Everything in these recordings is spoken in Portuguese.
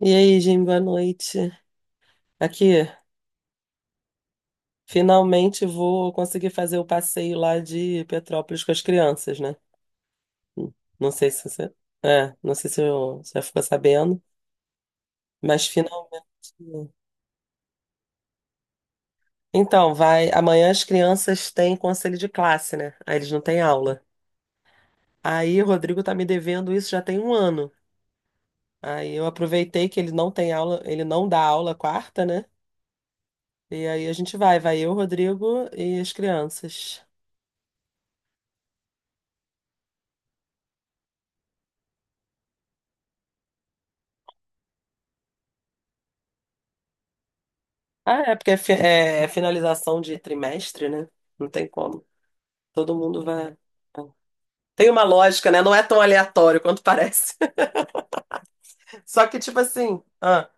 E aí, Jim, boa noite. Aqui, finalmente vou conseguir fazer o passeio lá de Petrópolis com as crianças, né? Hum, Não sei se você, não sei se você ficou sabendo, mas finalmente. Então, vai, amanhã as crianças têm conselho de classe, né? Aí eles não têm aula. Aí o Rodrigo tá me devendo isso já tem um ano. Aí eu aproveitei que ele não tem aula, ele não dá aula quarta, né? E aí a gente vai, vai eu, Rodrigo e as crianças. Ah, é porque é finalização de trimestre, né? Não tem como. Todo mundo vai. É. Tem uma lógica, né? Não é tão aleatório quanto parece. Só que, tipo assim. Ah,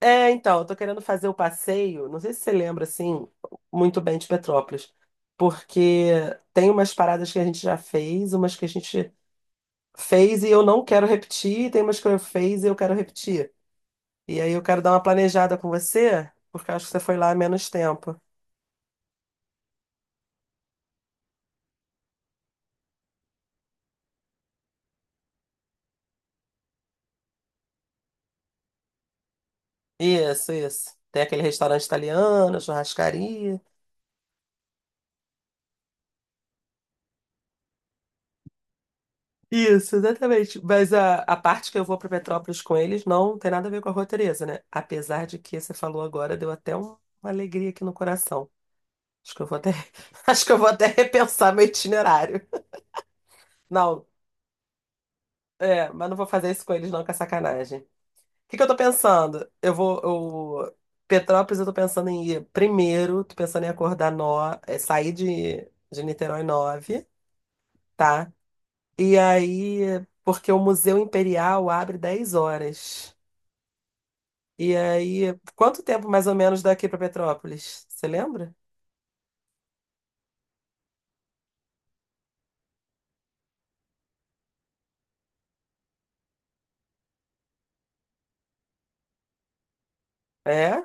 é, então, eu tô querendo fazer o passeio. Não sei se você lembra, assim, muito bem de Petrópolis. Porque tem umas paradas que a gente já fez, umas que a gente fez e eu não quero repetir, e tem umas que eu fiz e eu quero repetir. E aí eu quero dar uma planejada com você, porque eu acho que você foi lá há menos tempo. Isso, isso. Tem aquele restaurante italiano, churrascaria. Isso, exatamente. Mas a parte que eu vou para Petrópolis com eles não tem nada a ver com a Rua Teresa, né? Apesar de que você falou agora, deu até uma alegria aqui no coração. Acho que eu vou até, acho que eu vou até repensar meu itinerário. Não, mas não vou fazer isso com eles não, que é sacanagem. O que que eu tô pensando? Eu vou, eu- Petrópolis, eu tô pensando em ir primeiro, tô pensando em acordar sair de Niterói nove, tá? E aí, porque o Museu Imperial abre 10 horas. E aí, quanto tempo mais ou menos daqui para Petrópolis? Você lembra? É?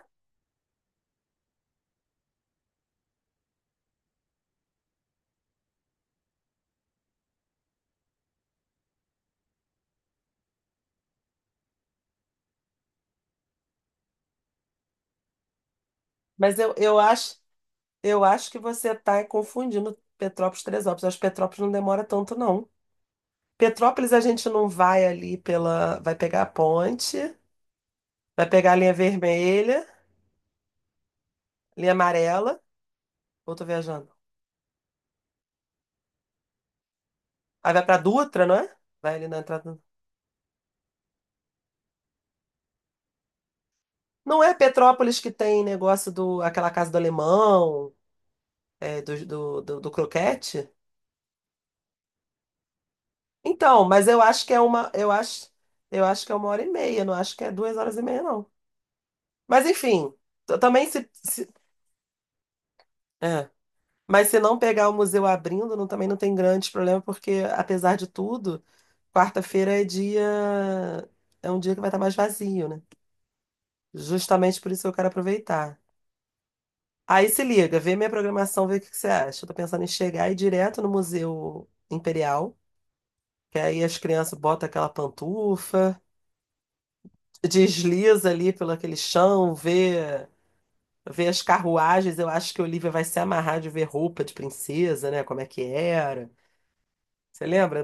Mas eu acho que você está confundindo Petrópolis e Teresópolis. Eu acho que Petrópolis não demora tanto, não. Petrópolis a gente não vai ali pela. Vai pegar a ponte, vai pegar a linha vermelha, linha amarela. Ou tô viajando? Aí vai para Dutra, não é? Vai ali na entrada. Não é Petrópolis que tem negócio do aquela casa do alemão? Do croquete. Então, mas eu acho que é uma, eu acho que é uma hora e meia, não acho que é 2 horas e meia, não. Mas enfim, também é. Mas se não pegar o museu abrindo, também não tem grande problema, porque apesar de tudo, quarta-feira é dia, é um dia que vai estar mais vazio, né? Justamente por isso que eu quero aproveitar. Aí se liga, vê minha programação, vê o que que você acha. Eu tô pensando em chegar e ir direto no Museu Imperial, que aí as crianças botam aquela pantufa. Desliza ali pelo aquele chão, vê as carruagens. Eu acho que a Olivia vai se amarrar de ver roupa de princesa, né? Como é que era. Você lembra?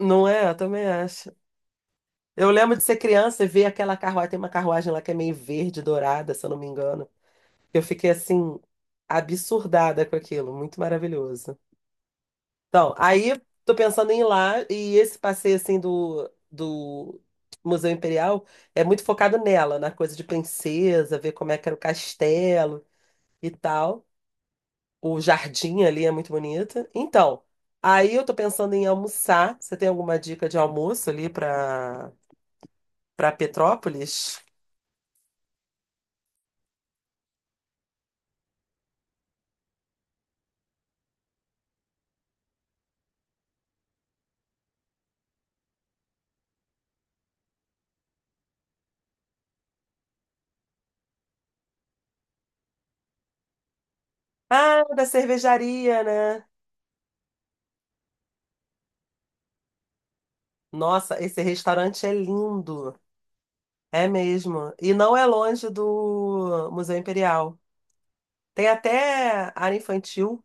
Não é? Eu também acho. Eu lembro de ser criança e ver aquela carruagem. Tem uma carruagem lá que é meio verde, dourada, se eu não me engano. Eu fiquei assim, absurdada com aquilo. Muito maravilhoso. Então, aí tô pensando em ir lá, e esse passeio assim do Museu Imperial é muito focado nela, na coisa de princesa, ver como é que era o castelo e tal. O jardim ali é muito bonito. Então, aí eu tô pensando em almoçar. Você tem alguma dica de almoço ali para Petrópolis? Ah, da cervejaria, né? Nossa, esse restaurante é lindo. É mesmo. E não é longe do Museu Imperial. Tem até área infantil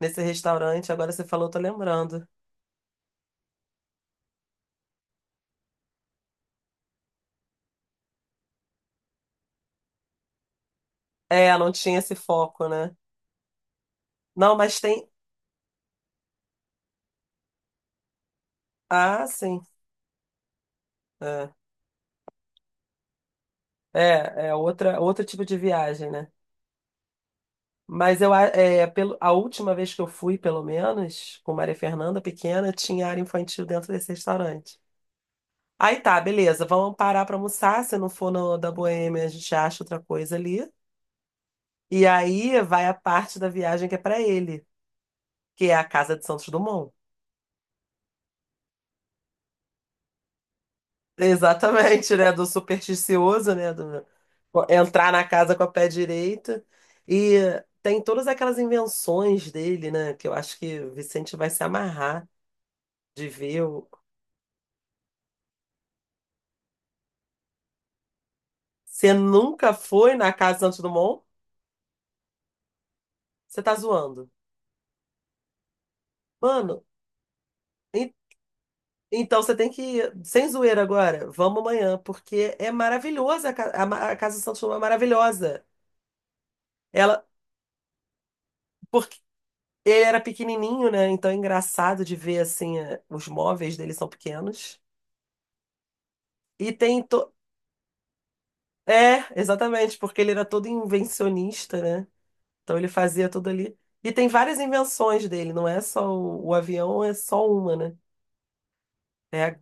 nesse restaurante, agora você falou, tô lembrando. É, não tinha esse foco, né? Não, mas tem. Ah, sim. É, outra, outro tipo de viagem, né? Mas eu, é, pelo, a última vez que eu fui, pelo menos, com Maria Fernanda pequena, tinha área infantil dentro desse restaurante. Aí tá, beleza, vamos parar pra almoçar. Se não for no da Boêmia, a gente acha outra coisa ali. E aí vai a parte da viagem que é pra ele, que é a casa de Santos Dumont. Exatamente, né? Do supersticioso, né? Do entrar na casa com a pé direito. E tem todas aquelas invenções dele, né? Que eu acho que o Vicente vai se amarrar de ver. Você nunca foi na casa Santos Dumont? Você tá zoando. Mano, en- então você tem que ir. Sem zoeira agora, vamos amanhã, porque é maravilhosa. A ca- a ma- a casa Santos Dumont é maravilhosa. Ela. Porque ele era pequenininho, né? Então é engraçado de ver assim, os móveis dele são pequenos. E tem. É, exatamente, porque ele era todo invencionista, né? Então ele fazia tudo ali. E tem várias invenções dele, não é só o avião, é só uma, né? É, a-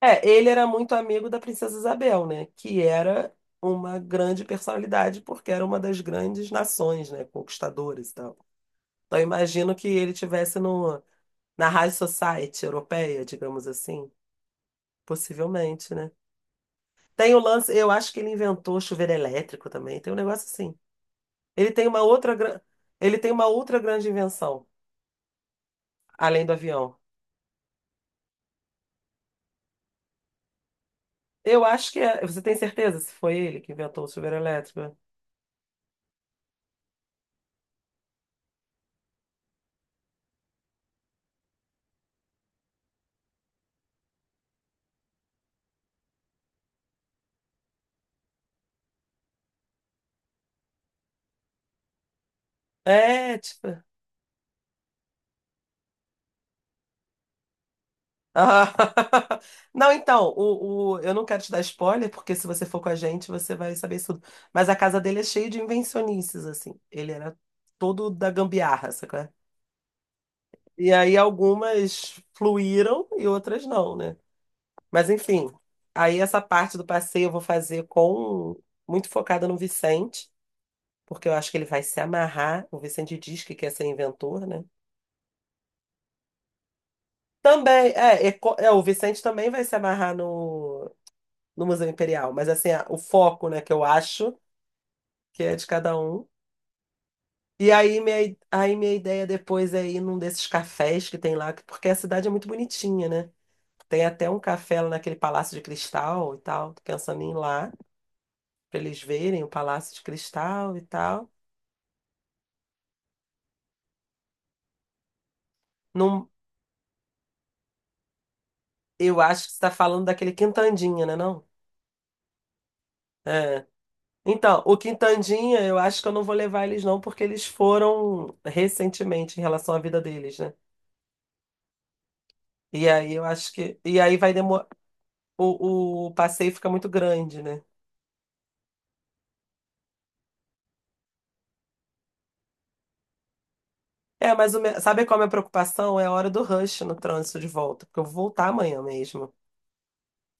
ele era muito amigo da Princesa Isabel, né? Que era uma grande personalidade, porque era uma das grandes nações, né? Conquistadoras e tal. Então eu imagino que ele tivesse no, na High Society europeia, digamos assim. Possivelmente, né? Tem o lance, eu acho que ele inventou chuveiro elétrico também, tem um negócio assim. Ele tem uma outra, ele tem uma outra grande invenção, além do avião. Eu acho que é. Você tem certeza se foi ele que inventou o chuveiro elétrico? É, tipo. Ah. Não, então, eu não quero te dar spoiler, porque se você for com a gente, você vai saber isso tudo. Mas a casa dele é cheia de invencionices, assim. Ele era todo da gambiarra, sacou? E aí algumas fluíram e outras não, né? Mas enfim, aí essa parte do passeio eu vou fazer com muito focada no Vicente. Porque eu acho que ele vai se amarrar. O Vicente diz que quer ser inventor, né? Também, o Vicente também vai se amarrar no Museu Imperial, mas assim, o foco, né, que eu acho que é de cada um. E aí minha ideia depois é ir num desses cafés que tem lá, que- porque a cidade é muito bonitinha, né? Tem até um café lá naquele Palácio de Cristal e tal, tô pensando em ir lá, pra eles verem o Palácio de Cristal e tal. Num, eu acho que você tá falando daquele Quintandinha, né, não? É. Então, o Quintandinha, eu acho que eu não vou levar eles não, porque eles foram recentemente em relação à vida deles, né? E aí eu acho que. E aí vai demorar. O passeio fica muito grande, né? É, mas sabe qual é a minha preocupação? É a hora do rush no trânsito de volta, porque eu vou voltar amanhã mesmo,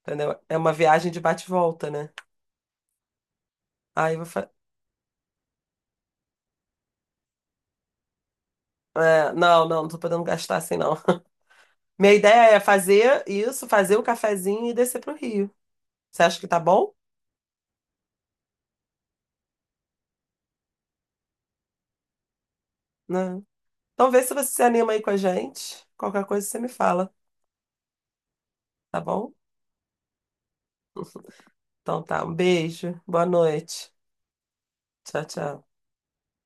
entendeu? É uma viagem de bate e volta, né? Aí eu vou. É, não, não, não tô podendo gastar assim, não. Minha ideia é fazer isso, fazer o cafezinho e descer pro Rio. Você acha que tá bom? Né? Então vê se você se anima aí com a gente. Qualquer coisa você me fala, tá bom? Então tá, um beijo, boa noite. Tchau, tchau.